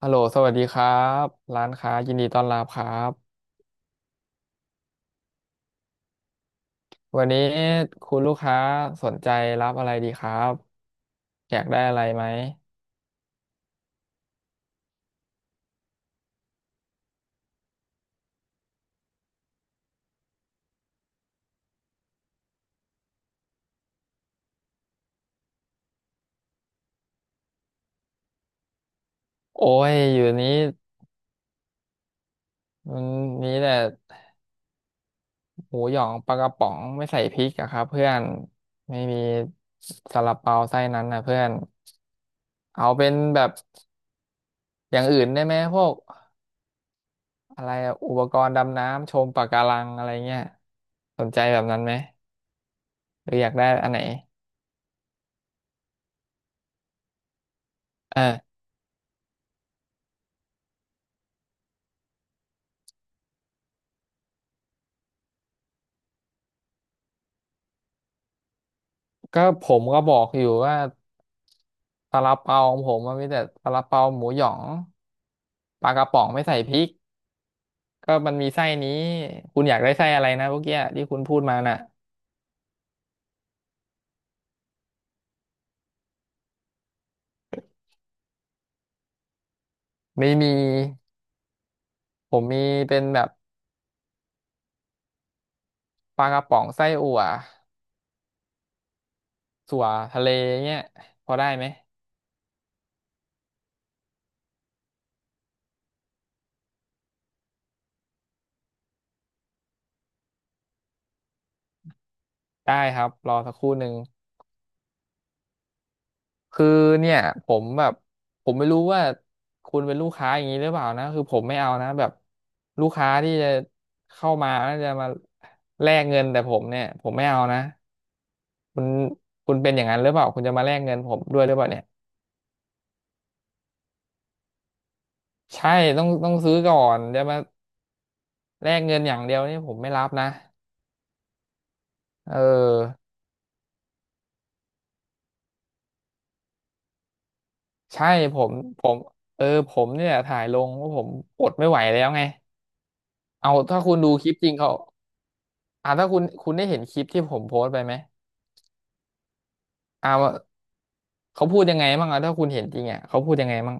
ฮัลโหลสวัสดีครับร้านค้ายินดีต้อนรับครับวันนี้คุณลูกค้าสนใจรับอะไรดีครับอยากได้อะไรไหมโอ้ยอยู่นี้มันมีแต่หมูหยองปลากระป๋องไม่ใส่พริกอะครับเพื่อนไม่มีซาลาเปาไส้นั้นนะเพื่อนเอาเป็นแบบอย่างอื่นได้ไหมพวกอะไรอะอุปกรณ์ดำน้ำชมปะการังอะไรเงี้ยสนใจแบบนั้นไหมหรืออยากได้อันไหนเออ ก็ผมก็บอกอยู่ว่าซาลาเปาของผมมันมีแต่ซาลาเปาหมูหยองปลากระป๋องไม่ใส่พริกก็มันมีไส้นี้คุณอยากได้ไส้อะไรนะเมื่อกี้ที่คุณพูดมาน่ะไม่มีผมมีเป็นแบบปลากระป๋องไส้อั่วสั่วทะเลเงี้ยพอได้ไหมได้ครับรอสักครู่หนึ่ง คือเนี่ยผมแบบผมไม่รู้ว่าคุณเป็นลูกค้าอย่างนี้หรือเปล่านะคือผมไม่เอานะแบบลูกค้าที่จะเข้ามาแล้วจะมาแลกเงินแต่ผมเนี่ยผมไม่เอานะคุณคุณเป็นอย่างนั้นหรือเปล่าคุณจะมาแลกเงินผมด้วยหรือเปล่าเนี่ยใช่ต้องซื้อก่อนจะมาแลกเงินอย่างเดียวนี่ผมไม่รับนะเออใช่ผมผมผมเนี่ยถ่ายลงว่าผมอดไม่ไหวแล้วไงเอาถ้าคุณดูคลิปจริงเขาถ้าคุณได้เห็นคลิปที่ผมโพสต์ไปไหมเอา เขาพูดยังไงบ้างอะถ้าคุณเห็นจริงอะเขาพูดยังไงบ้าง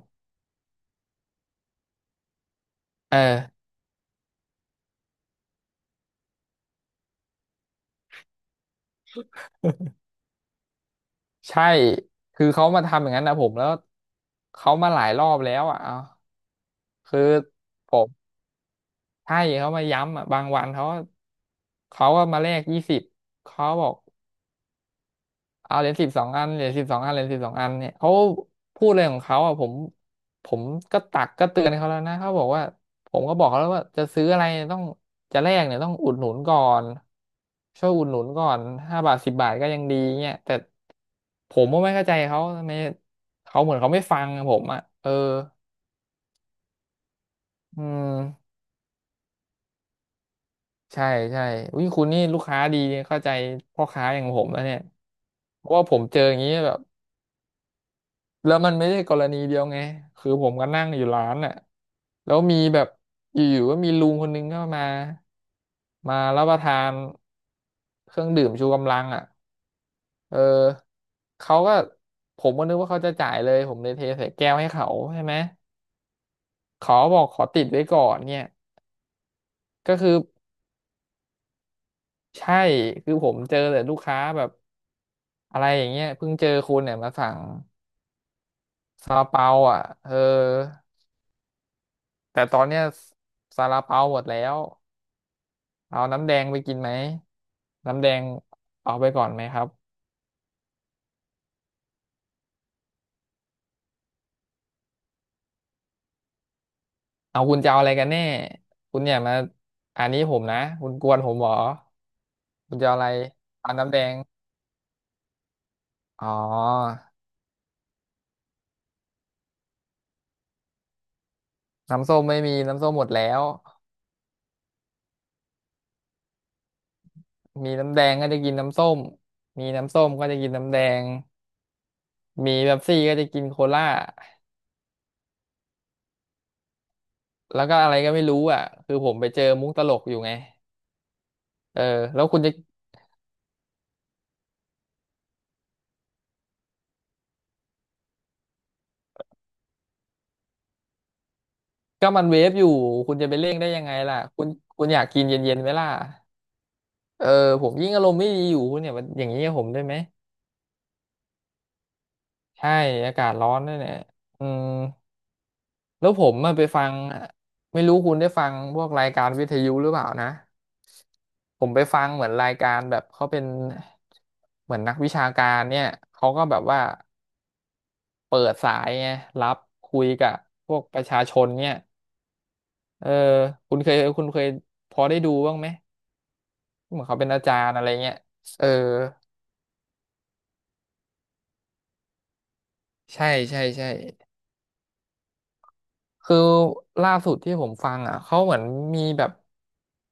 เออใช่คือเขามาทำอย่างนั้นนะผมแล้วเขามาหลายรอบแล้วอะเอาคือผมใช่เขามาย้ำอะบางวันเขาก็มาแลก20เขาบอก เอาเหรียญสิบสองอันเหรียญสิบสองอันเหรียญสิบสองอันเนี่ยเขาพูดอะไรของเขาอ่ะผมก็ตักก็เตือนเขาแล้วนะเขาบอกว่าผมก็บอกเขาแล้วว่าจะซื้ออะไรต้องจะแลกเนี่ยต้องอุดหนุนก่อนช่วยอุดหนุนก่อน5 บาท 10 บาทก็ยังดีเนี่ยแต่ผมก็ไม่เข้าใจเขาทำไมเขาเหมือนเขาไม่ฟังผมอ่ะเอออืมใช่ใช่อุ้ยคุณนี่ลูกค้าดีเข้าใจพ่อค้าอย่างผมแล้วเนี่ยเพราะว่าผมเจออย่างนี้แบบ แล้วมันไม่ใช่กรณีเดียวไง คือผมก็นั่งอยู่ร้านน่ะแล้วมีแบบอยู่ๆก็มีลุงคนนึงเข้ามา มารับประทานเครื่องดื่มชูกำลังอ่ะเออเขาก็ผมก็นึกว่าเขาจะจ่ายเลยผมเลยเทใส่แก้วให้เขาใช่ไหมเขาบอกขอติดไว้ก่อนเนี่ยก็คือใช่คือผมเจอแต่ลูกค้าแบบอะไรอย่างเงี้ยเพิ่งเจอคุณเนี่ยมาสั่งซาลาเปาอ่ะเออแต่ตอนเนี้ยซาลาเปาหมดแล้ว เอาน้ำแดงไปกินไหมน้ำแดงเอาไปก่อนไหมครับเอาคุณจะเอาอะไรกันแน่คุณเนี่ยมาอันนี้ผมนะคุณกวนผมเหรอคุณจะเอาอะไรเอาน้ำแดงอ๋อน้ำส้มไม่มีน้ำส้มหมดแล้ว มีน้ำแดงก็จะกินน้ำส้มมีน้ำส้มก็จะกินน้ำแดง มีเป๊ปซี่ก็จะกินโคลาแล้วก็อะไรก็ไม่รู้อ่ะคือผมไปเจอมุกตลกอยู่ไงเออแล้วคุณจะก็มันเวฟอยู่ คุณจะไปเร่งได้ยังไงล่ะคุณคุณอยากกินเย็นๆไหมล่ะ เออผมยิ่งอารมณ์ไม่ดีอยู่เนี่ยมันอย่างนี้กับผมได้ไหมใช่อากาศร้อนด้วยเนี่ยอืมแล้วผมมาไปฟังไม่รู้คุณได้ฟังพวกรายการวิทยุหรือเปล่านะผมไปฟังเหมือนรายการแบบเขาเป็นเหมือนนักวิชาการเนี่ยเขาก็แบบว่าเปิดสายไงรับคุยกับพวกประชาชนเนี่ยเออคุณเคยพอได้ดูบ้างไหมเหมือนเขาเป็นอาจารย์อะไรเงี้ยเออใช่ใช่ใช่ คือล่าสุดที่ผมฟังอ่ะเขาเหมือนมีแบบ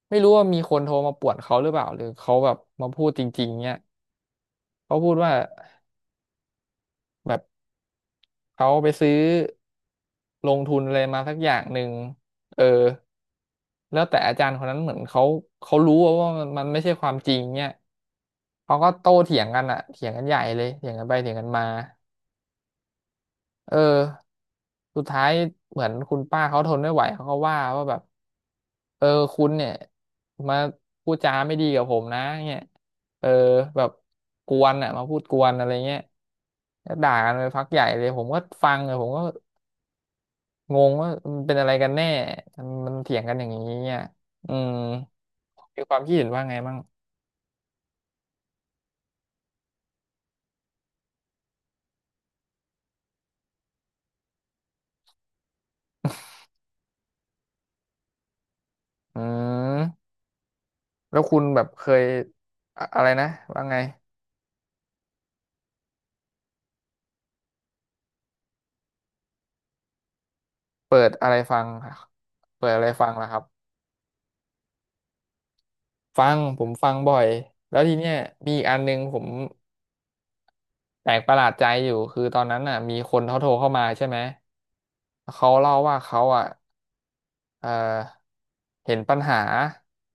ไม่รู้ว่ามีคนโทรมาป่วนเขาหรือเปล่าหรือเขาแบบมาพูดจริงๆเนี่ยเขาพูดว่าแบบเขาไปซื้อลงทุนอะไรมาสักอย่างหนึ่งเออแล้วแต่อาจารย์คนนั้นเหมือนเขาเขารู้ว่ามันไม่ใช่ความจริงเนี่ยเขาก็โต้เถียงกันอ่ะเถียงกันใหญ่เลยเถียงกันไปเถียงกันมาเออสุดท้ายเหมือนคุณป้าเขาทนไม่ไหวเขาก็ว่าว่าแบบ เออคุณเนี่ยมาพูดจาไม่ดีกับผมนะเงี้ยเออแบบกวนอ่ะมาพูดกวนอะไรเงี้ยแล้วด่ากันไปพักใหญ่เลยผมก็ฟังเลยผมก็งงว่ามันเป็นอะไรกันแน่ทำไมันมันเถียงกันอย่างนี้เนี่ยอืมมีความคิดเห็นว่าไงบ้างอืมแล้วคุณแบบเคยอะอะไรนะว่าไงเปิดอะไรฟังค่ะเปิดอะไรฟังล่ะครับฟังผมฟังบ่อยแล้วทีเนี้ยมีอีกอันหนึงผม แปลกประหลาดใจอยู่คือตอนนั้นน่ะมีคนเขาโทรเข้ามาใช่ไหมเขาเล่าว่าเขาอ่ะเออเห็นปัญหา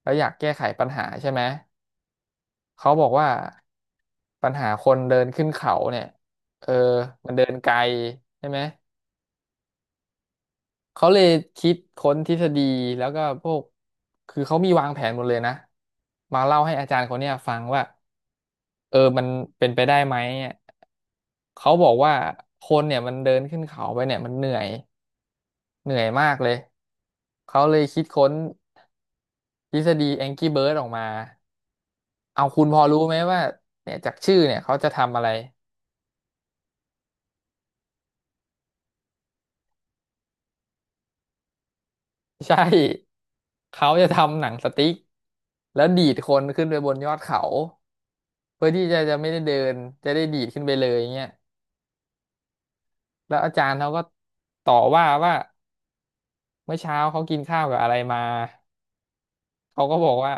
แล้วอยากแก้ไขปัญหาใช่ไหมเขาบอกว่าปัญหาคนเดินขึ้นเขาเนี่ยเออมันเดินไกลใช่ไหมเขาเลยคิดค้นทฤษฎีแล้วก็พวกคือเขามีวางแผนหมดเลยนะมาเล่าให้อาจารย์คนเนี้ยฟังว่ามันเป็นไปได้ไหม เขาบอกว่าคนเนี่ยมันเดินขึ้นเขาไปเนี่ยมันเหนื่อยเหนื่อยมากเลยเขาเลยคิดค้นทฤษฎีแองก n ้เบิร์ d ออกมาเอาคุณพอรู้ไหมว่าเนี่ยจากชื่อเนี่ยเขาจะทำอะไร ใช่เขาจะทำหนังสติ๊กแล้วดีดคนขึ้นไปบนยอดเขาเพื่อที่จะจะไม่ได้เดินจะได้ดีดขึ้นไปเลยเงี้ยแล้วอาจารย์เขาก็ต่อว่าว่าเมื่อเช้าเขากินข้าวกับอะไรมาเขาก็บอกว่า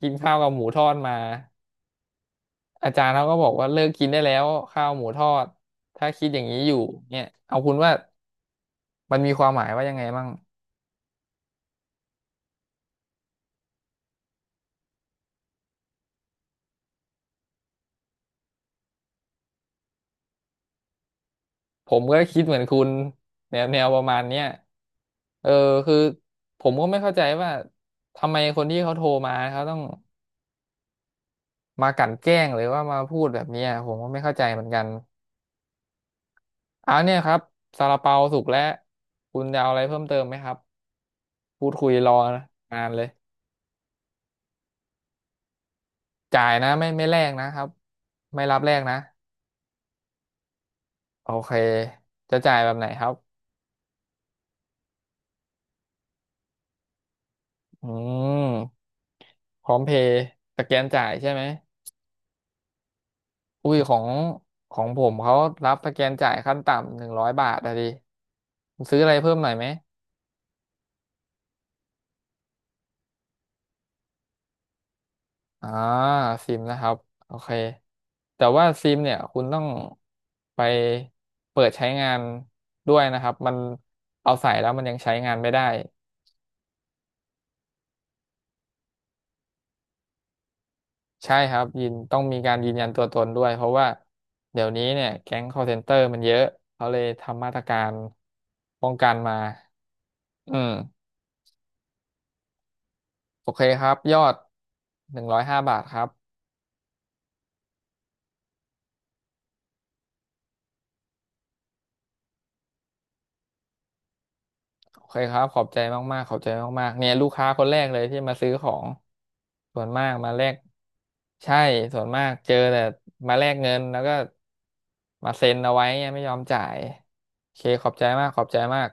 กินข้าวกับหมูทอดมา อาจารย์เขาก็บอกว่าเลิกกินได้แล้วข้าวหมูทอดถ้าคิดอย่างนี้อยู่เนี่ยเอาคุณว่ามันมีความหมายว่ายังไงบ้างผมก็คิดเหมือนคุณแนวแนวประมาณเนี้ยเออคือผมก็ไม่เข้าใจว่าทำไมคนที่เขาโทรมาเขาต้องมากลั่นแกล้งหรือว่ามาพูดแบบเนี้ยผมก็ไม่เข้าใจเหมือนกันเอาเนี่ยครับซาลาเปาสุกแล้วคุณจะเอาอะไรเพิ่มเติมไหมครับพูดคุยรอนานเลยจ่ายนะไม่แลกนะครับไม่รับแลกนะ โอเค จะจ่ายแบบไหนครับ อืม พร้อมเพย์สแกนจ่ายใช่ไหมอุ้ยของผมเขารับสแกนจ่ายขั้นต่ำ100 บาทอะดิคุณซื้ออะไรเพิ่มหน่อยไหมอ่าซิมนะครับ โอเค แต่ว่าซิมเนี่ยคุณต้องไปเปิดใช้งานด้วยนะครับ มันเอาใส่แล้วมันยังใช้งานไม่ได้ ใช่ครับยืนต้องมีการยืนยันตัวตนด้วยเพราะว่าเดี๋ยวนี้เนี่ยแก๊ง call center มันเยอะเขาเลยทำมาตรการป้องกันมาอืมโอเคครับยอด105 บาทครับโอเคครับขอบใจมากๆขอบใจมากๆเนี่ยลูกค้าคนแรกเลยที่มาซื้อของส่วนมากมาแลกใช่ส่วนมากเจอแต่มาแลกเงินแล้วก็มาเซ็นเอาไว้เนี่ยไม่ยอมจ่ายโอเคขอบใจมากขอบใจมาก